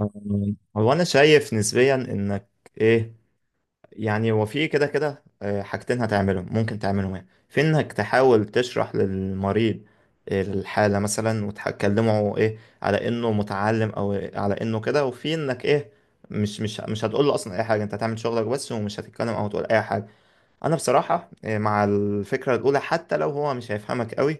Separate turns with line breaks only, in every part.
هو انا شايف نسبيا انك ايه، يعني هو في كده كده حاجتين هتعملهم ممكن تعملهم، يعني في انك تحاول تشرح للمريض الحالة مثلا وتكلمه ايه على انه متعلم او على انه كده، وفي انك ايه مش هتقول له اصلا اي حاجة، انت هتعمل شغلك بس ومش هتتكلم او تقول اي حاجة. انا بصراحة مع الفكرة الاولى حتى لو هو مش هيفهمك قوي.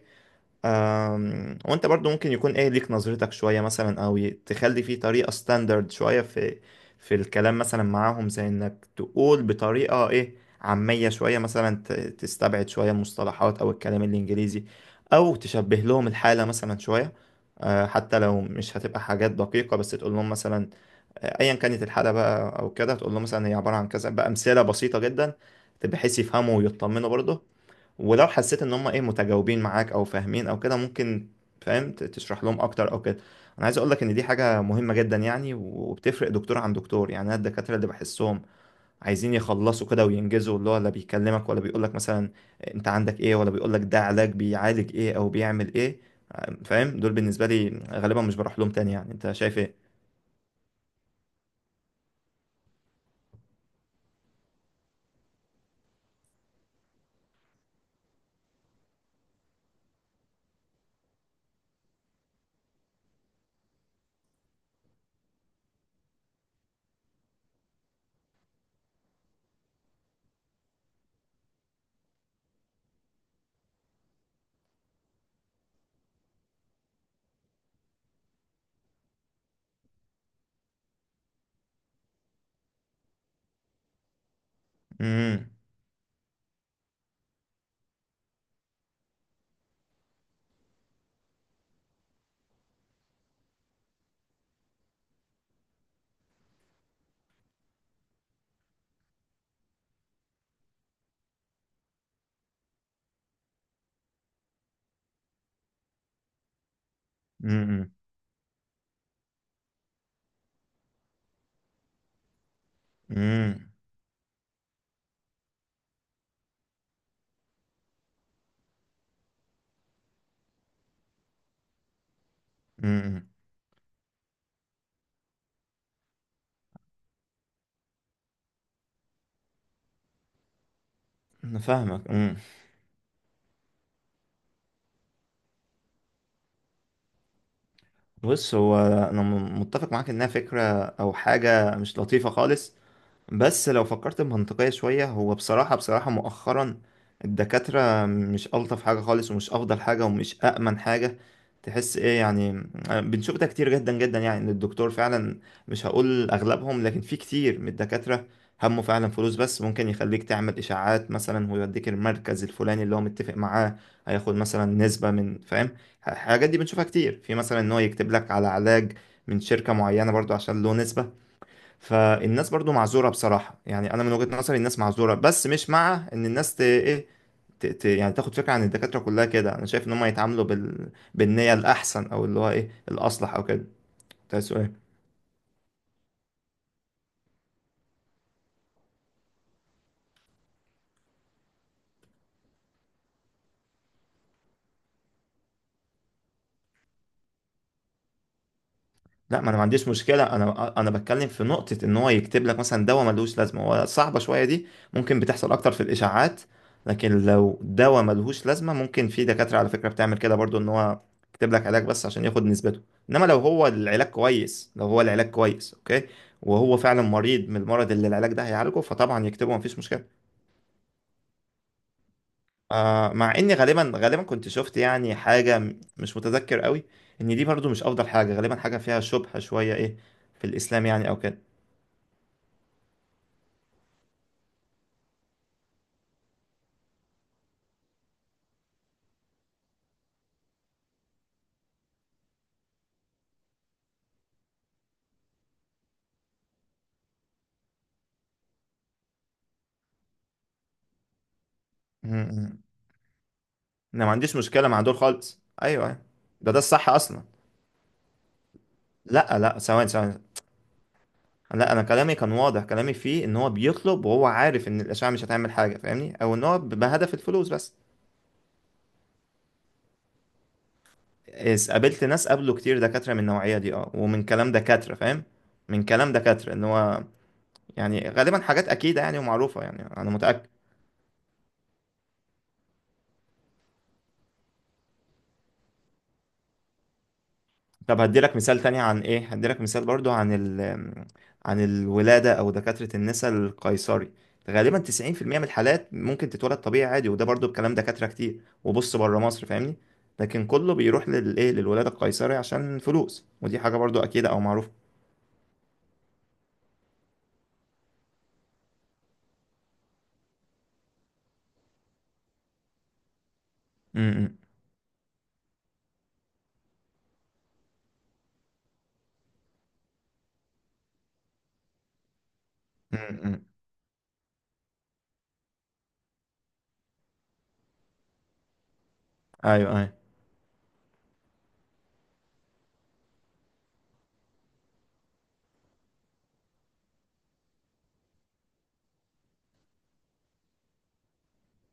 وانت برضو ممكن يكون ايه ليك نظرتك شوية مثلا، او تخلي فيه طريقة ستاندرد شوية في الكلام مثلا معاهم، زي انك تقول بطريقة ايه عامية شوية، مثلا تستبعد شوية المصطلحات او الكلام الانجليزي، او تشبه لهم الحالة مثلا شوية. حتى لو مش هتبقى حاجات دقيقة بس تقول لهم مثلا. ايا كانت الحالة بقى او كده، تقول لهم مثلا هي عبارة عن كذا بأمثلة بسيطة جدا بحيث يفهموا ويطمنوا برضه. ولو حسيت ان هم ايه متجاوبين معاك او فاهمين او كده، ممكن فاهم تشرح لهم اكتر او كده. انا عايز اقول لك ان دي حاجه مهمه جدا يعني، وبتفرق دكتور عن دكتور. يعني انا الدكاتره اللي بحسهم عايزين يخلصوا كده وينجزوا، اللي هو لا بيكلمك ولا بيقول لك مثلا انت عندك ايه، ولا بيقول لك ده علاج بيعالج ايه او بيعمل ايه، فاهم، دول بالنسبه لي غالبا مش بروح لهم تاني. يعني انت شايف ايه؟ امم. امم. امم. امم. إمم. انا فاهمك. إمم. بص، هو انا متفق معاك انها فكره او حاجه مش لطيفه خالص. بس لو فكرت بمنطقية شوية، هو بصراحة بصراحة مؤخرا الدكاترة مش ألطف حاجة خالص ومش أفضل حاجة ومش أأمن حاجة تحس إيه، يعني بنشوف ده كتير جدا جدا، يعني إن الدكتور فعلا، مش هقول أغلبهم، لكن في كتير من الدكاترة همه فعلا فلوس بس. ممكن يخليك تعمل إشاعات مثلا ويوديك المركز الفلاني اللي هو متفق معاه، هياخد مثلا نسبة من، فاهم، الحاجات دي بنشوفها كتير في، مثلا إن هو يكتب لك على علاج من شركة معينة برضو عشان له نسبة. فالناس برضو معذوره بصراحه، يعني انا من وجهه نظري الناس معذوره، بس مش مع ان الناس ت... ايه ت... ت... يعني تاخد فكره عن الدكاتره كلها كده. انا شايف ان هم يتعاملوا بالنيه الاحسن، او اللي هو ايه الاصلح او كده. ده سؤال. لا، ما انا ما عنديش مشكله، انا بتكلم في نقطه ان هو يكتب لك مثلا دواء ملهوش لازمه، هو صعبه شويه دي، ممكن بتحصل اكتر في الاشاعات. لكن لو دواء ملهوش لازمه، ممكن في دكاتره على فكره بتعمل كده برضو، ان هو يكتب لك علاج بس عشان ياخد نسبته. انما لو هو العلاج كويس، لو هو العلاج كويس، اوكي، وهو فعلا مريض من المرض اللي العلاج ده هيعالجه، فطبعا يكتبه مفيش مشكله. مع اني غالبا غالبا كنت شفت يعني حاجه مش متذكر قوي، ان دي برضو مش افضل حاجه، غالبا حاجه فيها شبهه شويه ايه في الاسلام يعني او كده. امم. انا ما عنديش مشكله مع دول خالص، ايوه، ايوه. ده الصح اصلا. لا، لا، ثواني، ثواني. لا، انا كلامي كان واضح. كلامي فيه ان هو بيطلب وهو عارف ان الاشعه مش هتعمل حاجه، فاهمني، او ان هو بهدف الفلوس بس. قابلت ناس قابلوا كتير دكاتره من النوعيه دي، اه، ومن كلام دكاتره، فاهم، من كلام دكاتره ان هو، يعني غالبا حاجات اكيده يعني ومعروفه يعني. انا متاكد. طب هدي لك مثال تاني عن ايه، هدي لك مثال برضو عن عن الولادة او دكاترة النساء، القيصري غالبا 90% من الحالات ممكن تتولد طبيعي عادي. وده برضو بكلام دكاترة كتير وبص بره مصر، فاهمني، لكن كله بيروح للايه، للولادة القيصري، عشان فلوس. ودي حاجة برضو اكيدة او معروفة. امم. امم. ايوه، ايوه.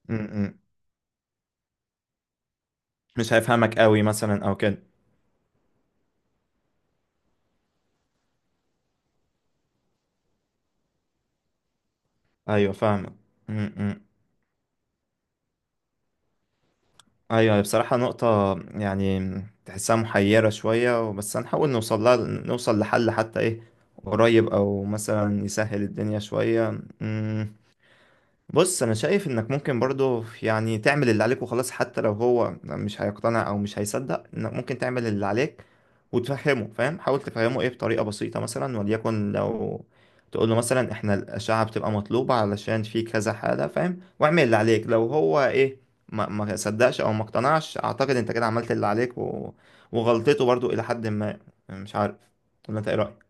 امم. مش هيفهمك قوي مثلا او كده. ايوه، فاهمك. امم. ايوه. أيوة، بصراحة نقطة يعني تحسها محيرة شوية، بس هنحاول نوصل لحل حتى ايه قريب، او مثلا يسهل الدنيا شوية. بص، انا شايف انك ممكن برضو يعني تعمل اللي عليك وخلاص حتى لو هو مش هيقتنع، او مش هيصدق انك ممكن تعمل اللي عليك وتفهمه، فاهم، حاول تفهمه ايه بطريقة بسيطة مثلا. وليكن لو تقول له مثلا احنا الأشعة بتبقى مطلوبة علشان في كذا حالة، فاهم، واعمل اللي عليك. لو هو ايه ما صدقش او ما اقتنعش، اعتقد انت كده عملت اللي عليك، وغلطته برضو الى حد ما. مش عارف، ولا انت ايه رأيك؟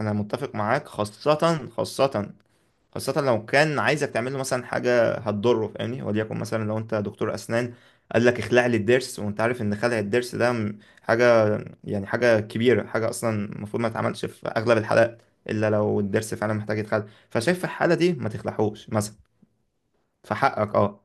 انا متفق معاك، خاصة خاصة خاصة لو كان عايزك تعمل له مثلا حاجة هتضره، فاهمني، وليكن مثلا لو انت دكتور أسنان قال لك اخلع لي الضرس، وانت عارف ان خلع الضرس ده حاجة، يعني حاجة كبيرة، حاجة أصلا المفروض ما تتعملش في أغلب الحالات، إلا لو الضرس فعلا محتاج يتخلع. فشايف في الحالة دي ما تخلعهوش مثلا، فحقك، اه،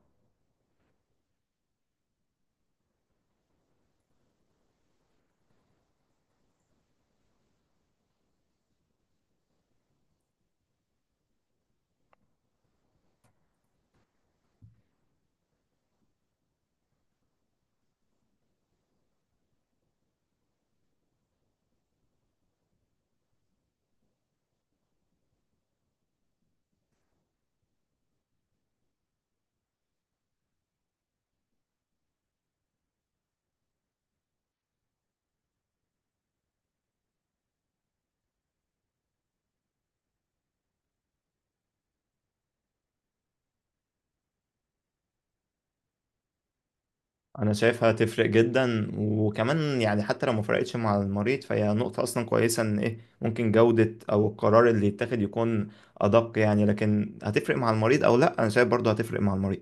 انا شايفها تفرق جدا. وكمان يعني حتى لو ما فرقتش مع المريض، فهي نقطة اصلا كويسة ان ايه ممكن جودة او القرار اللي يتاخد يكون ادق. يعني لكن هتفرق مع المريض او لا، انا شايف برضو هتفرق مع المريض.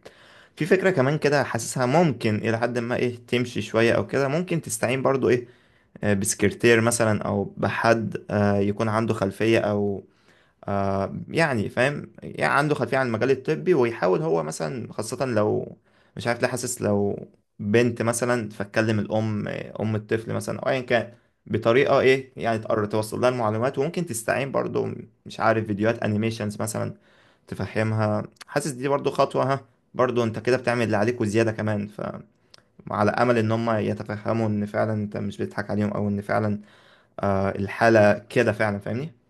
في فكرة كمان كده حاسسها ممكن الى حد ما ايه تمشي شوية او كده، ممكن تستعين برضو ايه، بسكرتير مثلا او بحد يكون عنده خلفية، او يعني فاهم، يعني عنده خلفية عن المجال الطبي، ويحاول هو مثلا، خاصة لو مش عارف ليه، حاسس لو بنت مثلا، فتكلم أم الطفل مثلا، أو أيا كان، بطريقة إيه يعني تقرر توصل لها المعلومات. وممكن تستعين برضو مش عارف فيديوهات أنيميشنز مثلا تفهمها. حاسس دي برضو خطوة، ها، برضو أنت كده بتعمل اللي عليك وزيادة كمان، فعلى أمل إن هم يتفهموا إن فعلا أنت مش بتضحك عليهم، أو إن فعلا الحالة كده فعلا، فاهمني؟